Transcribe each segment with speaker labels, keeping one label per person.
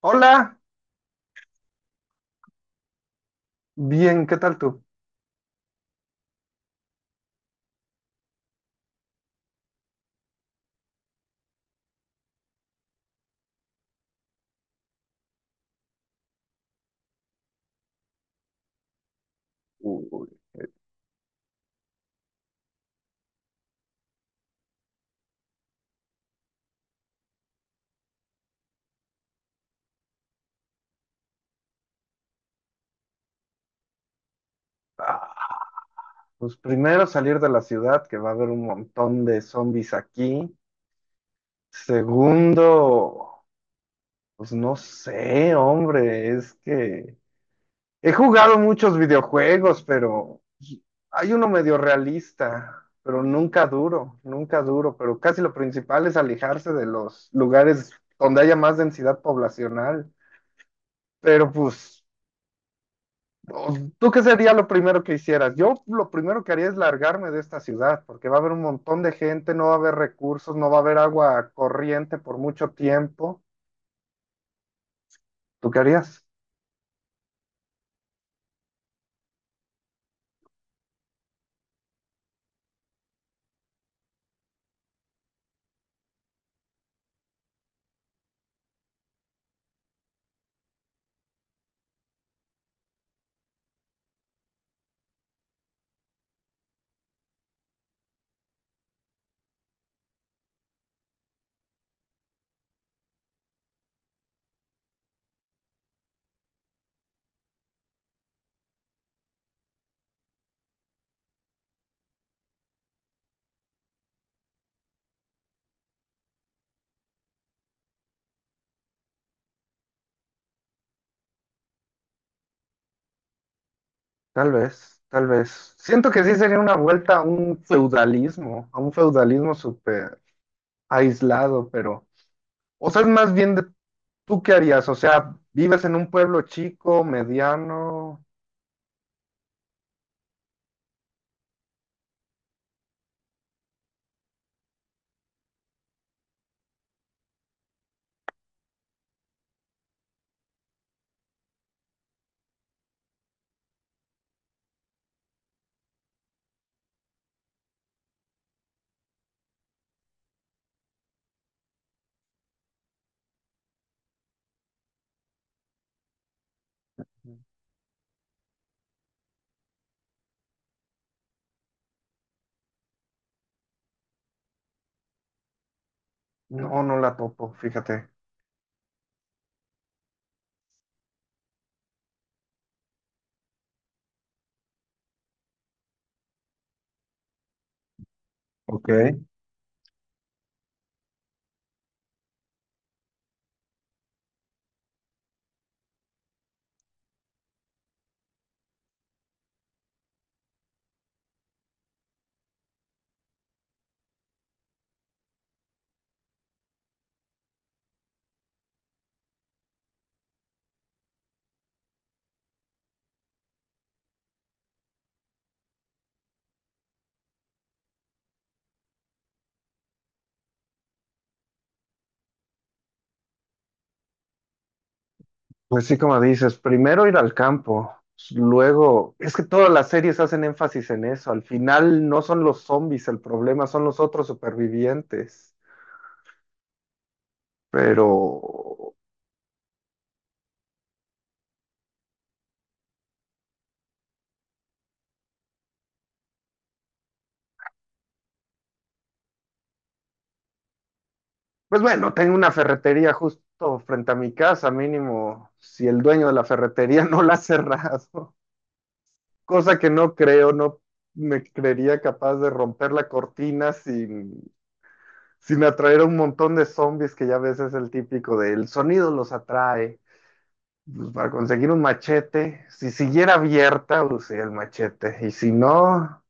Speaker 1: Hola, bien, ¿qué tal tú? Ah, pues primero salir de la ciudad, que va a haber un montón de zombies aquí. Segundo, pues no sé, hombre, es que he jugado muchos videojuegos, pero hay uno medio realista, pero nunca duro, nunca duro, pero casi lo principal es alejarse de los lugares donde haya más densidad poblacional. Pero pues... ¿Tú qué sería lo primero que hicieras? Yo lo primero que haría es largarme de esta ciudad, porque va a haber un montón de gente, no va a haber recursos, no va a haber agua corriente por mucho tiempo. ¿Tú qué harías? Tal vez, tal vez. Siento que sí sería una vuelta a un feudalismo súper aislado, pero, o sea, es más bien de tú qué harías, o sea, vives en un pueblo chico, mediano, no, no la topo, fíjate. Ok. Pues sí, como dices, primero ir al campo, luego, es que todas las series hacen énfasis en eso, al final no son los zombies el problema, son los otros supervivientes, pero, pues bueno, tengo una ferretería justo frente a mi casa, mínimo, si el dueño de la ferretería no la ha cerrado, cosa que no creo, no me creería capaz de romper la cortina sin, sin atraer a un montón de zombies que ya ves es el típico del sonido los atrae. Pues para conseguir un machete, si siguiera abierta, usé el machete. Y si no,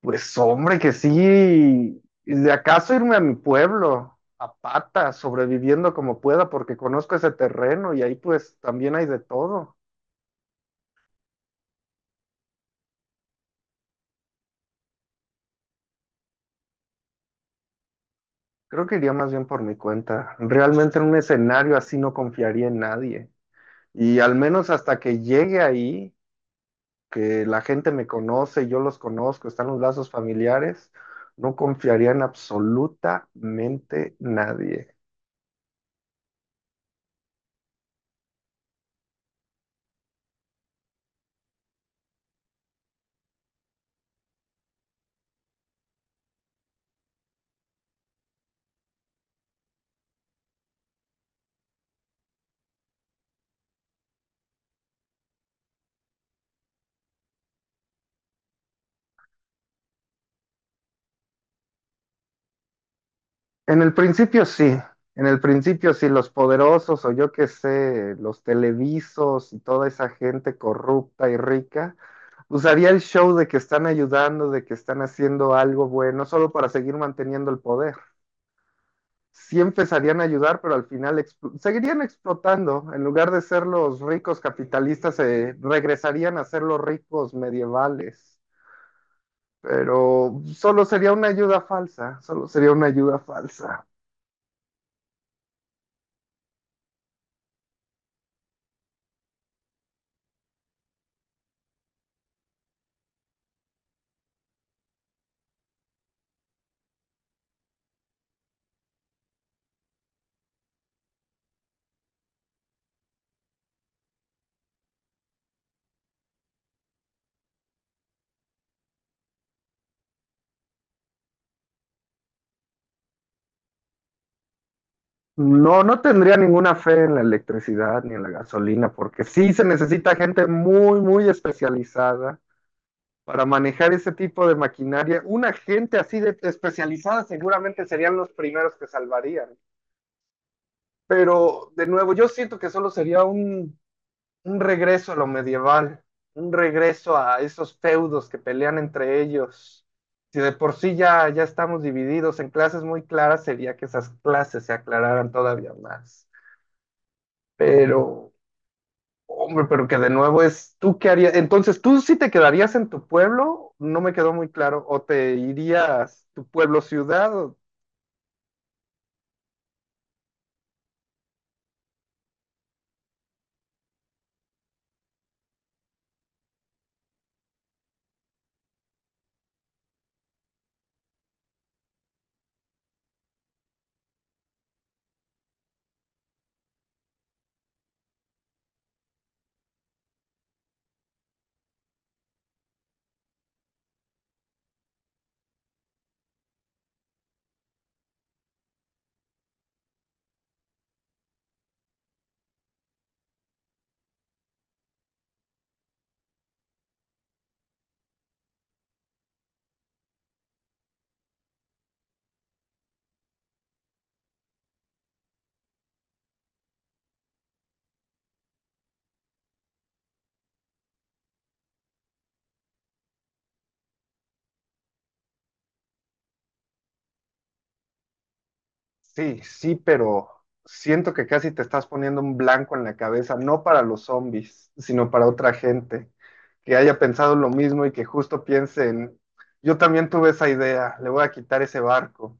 Speaker 1: pues hombre, que sí. ¿Y de acaso irme a mi pueblo, a pata, sobreviviendo como pueda, porque conozco ese terreno y ahí pues también hay de todo. Creo que iría más bien por mi cuenta. Realmente en un escenario así no confiaría en nadie. Y al menos hasta que llegue ahí. Que la gente me conoce, yo los conozco, están los lazos familiares, no confiaría en absolutamente nadie. En el principio sí, en el principio sí, los poderosos o yo qué sé, los televisos y toda esa gente corrupta y rica, usaría el show de que están ayudando, de que están haciendo algo bueno, solo para seguir manteniendo el poder. Sí empezarían a ayudar, pero al final seguirían explotando. En lugar de ser los ricos capitalistas, se regresarían a ser los ricos medievales. Pero solo sería una ayuda falsa, solo sería una ayuda falsa. No, no tendría ninguna fe en la electricidad ni en la gasolina, porque sí se necesita gente muy, muy especializada para manejar ese tipo de maquinaria. Una gente así de especializada seguramente serían los primeros que salvarían. Pero de nuevo, yo siento que solo sería un regreso a lo medieval, un regreso a esos feudos que pelean entre ellos. Si de por sí ya estamos divididos en clases muy claras, sería que esas clases se aclararan todavía más. Pero, hombre, pero que de nuevo es, ¿tú qué harías? Entonces, ¿tú sí te quedarías en tu pueblo? No me quedó muy claro. ¿O te irías tu pueblo ciudad o Sí, sí, pero siento que casi te estás poniendo un blanco en la cabeza, no para los zombies, sino para otra gente que haya pensado lo mismo y que justo piense en, yo también tuve esa idea, le voy a quitar ese barco.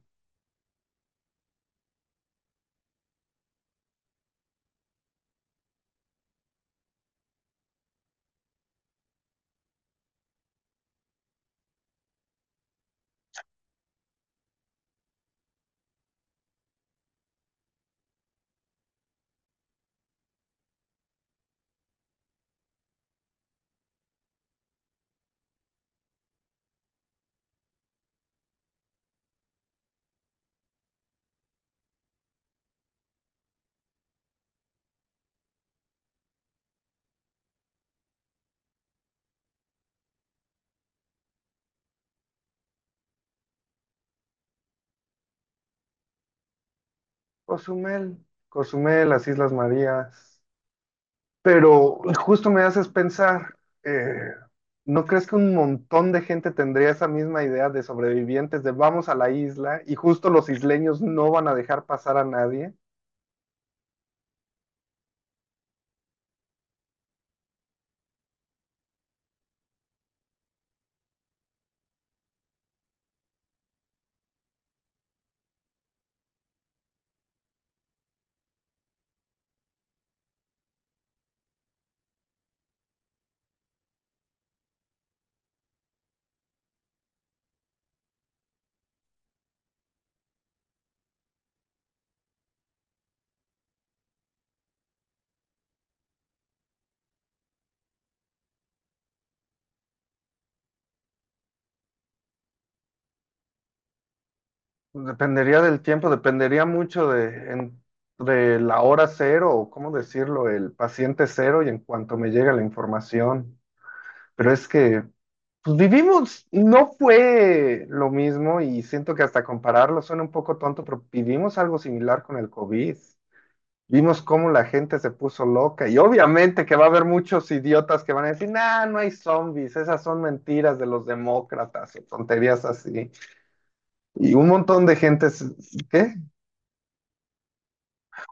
Speaker 1: Cozumel, Cozumel, las Islas Marías. Pero justo me haces pensar, eh, ¿no crees que un montón de gente tendría esa misma idea de sobrevivientes de vamos a la isla y justo los isleños no van a dejar pasar a nadie? Pues, dependería del tiempo, dependería mucho de, en- de la hora cero o, ¿cómo decirlo?, el paciente cero y en cuanto me llega la información. Pero es que, pues vivimos, no fue lo mismo y siento que hasta compararlo suena un poco tonto, pero vivimos algo similar con el COVID. Vimos cómo la gente se puso loca y obviamente que va a haber muchos idiotas que van a decir, nah, no hay zombies, esas son mentiras de los demócratas o tonterías así. Y un montón de gente, ¿qué?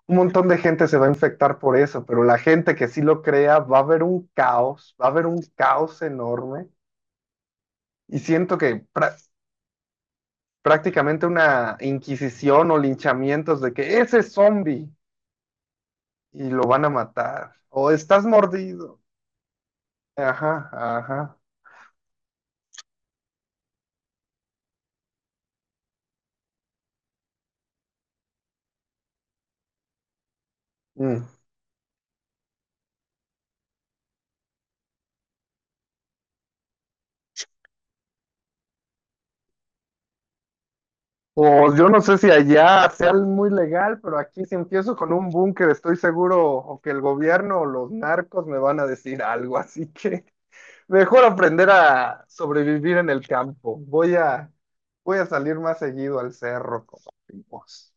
Speaker 1: Un montón de gente se va a infectar por eso, pero la gente que sí lo crea va a haber un caos, va a haber un caos enorme y siento que prácticamente una inquisición o linchamientos de que ese es zombie y lo van a matar o estás mordido. Ajá, ajá. Mm. O yo no sé si allá sea muy legal, pero aquí si empiezo con un búnker estoy seguro o que el gobierno o los narcos me van a decir algo, así que... Mejor aprender a sobrevivir en el campo. Voy a salir más seguido al cerro, como decimos.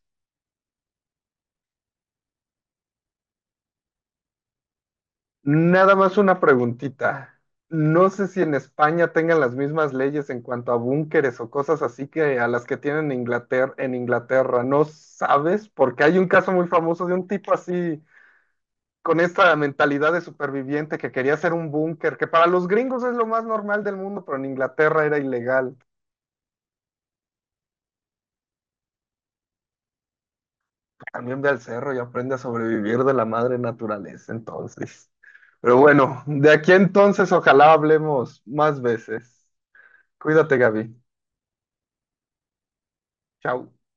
Speaker 1: Nada más una preguntita. No sé si en España tengan las mismas leyes en cuanto a búnkeres o cosas así que a las que tienen en Inglaterra, en Inglaterra. ¿No sabes? Porque hay un caso muy famoso de un tipo así, con esta mentalidad de superviviente que quería hacer un búnker, que para los gringos es lo más normal del mundo, pero en Inglaterra era ilegal. También ve al cerro y aprende a sobrevivir de la madre naturaleza, entonces. Pero bueno, de aquí entonces ojalá hablemos más veces. Cuídate, Gaby. Chao.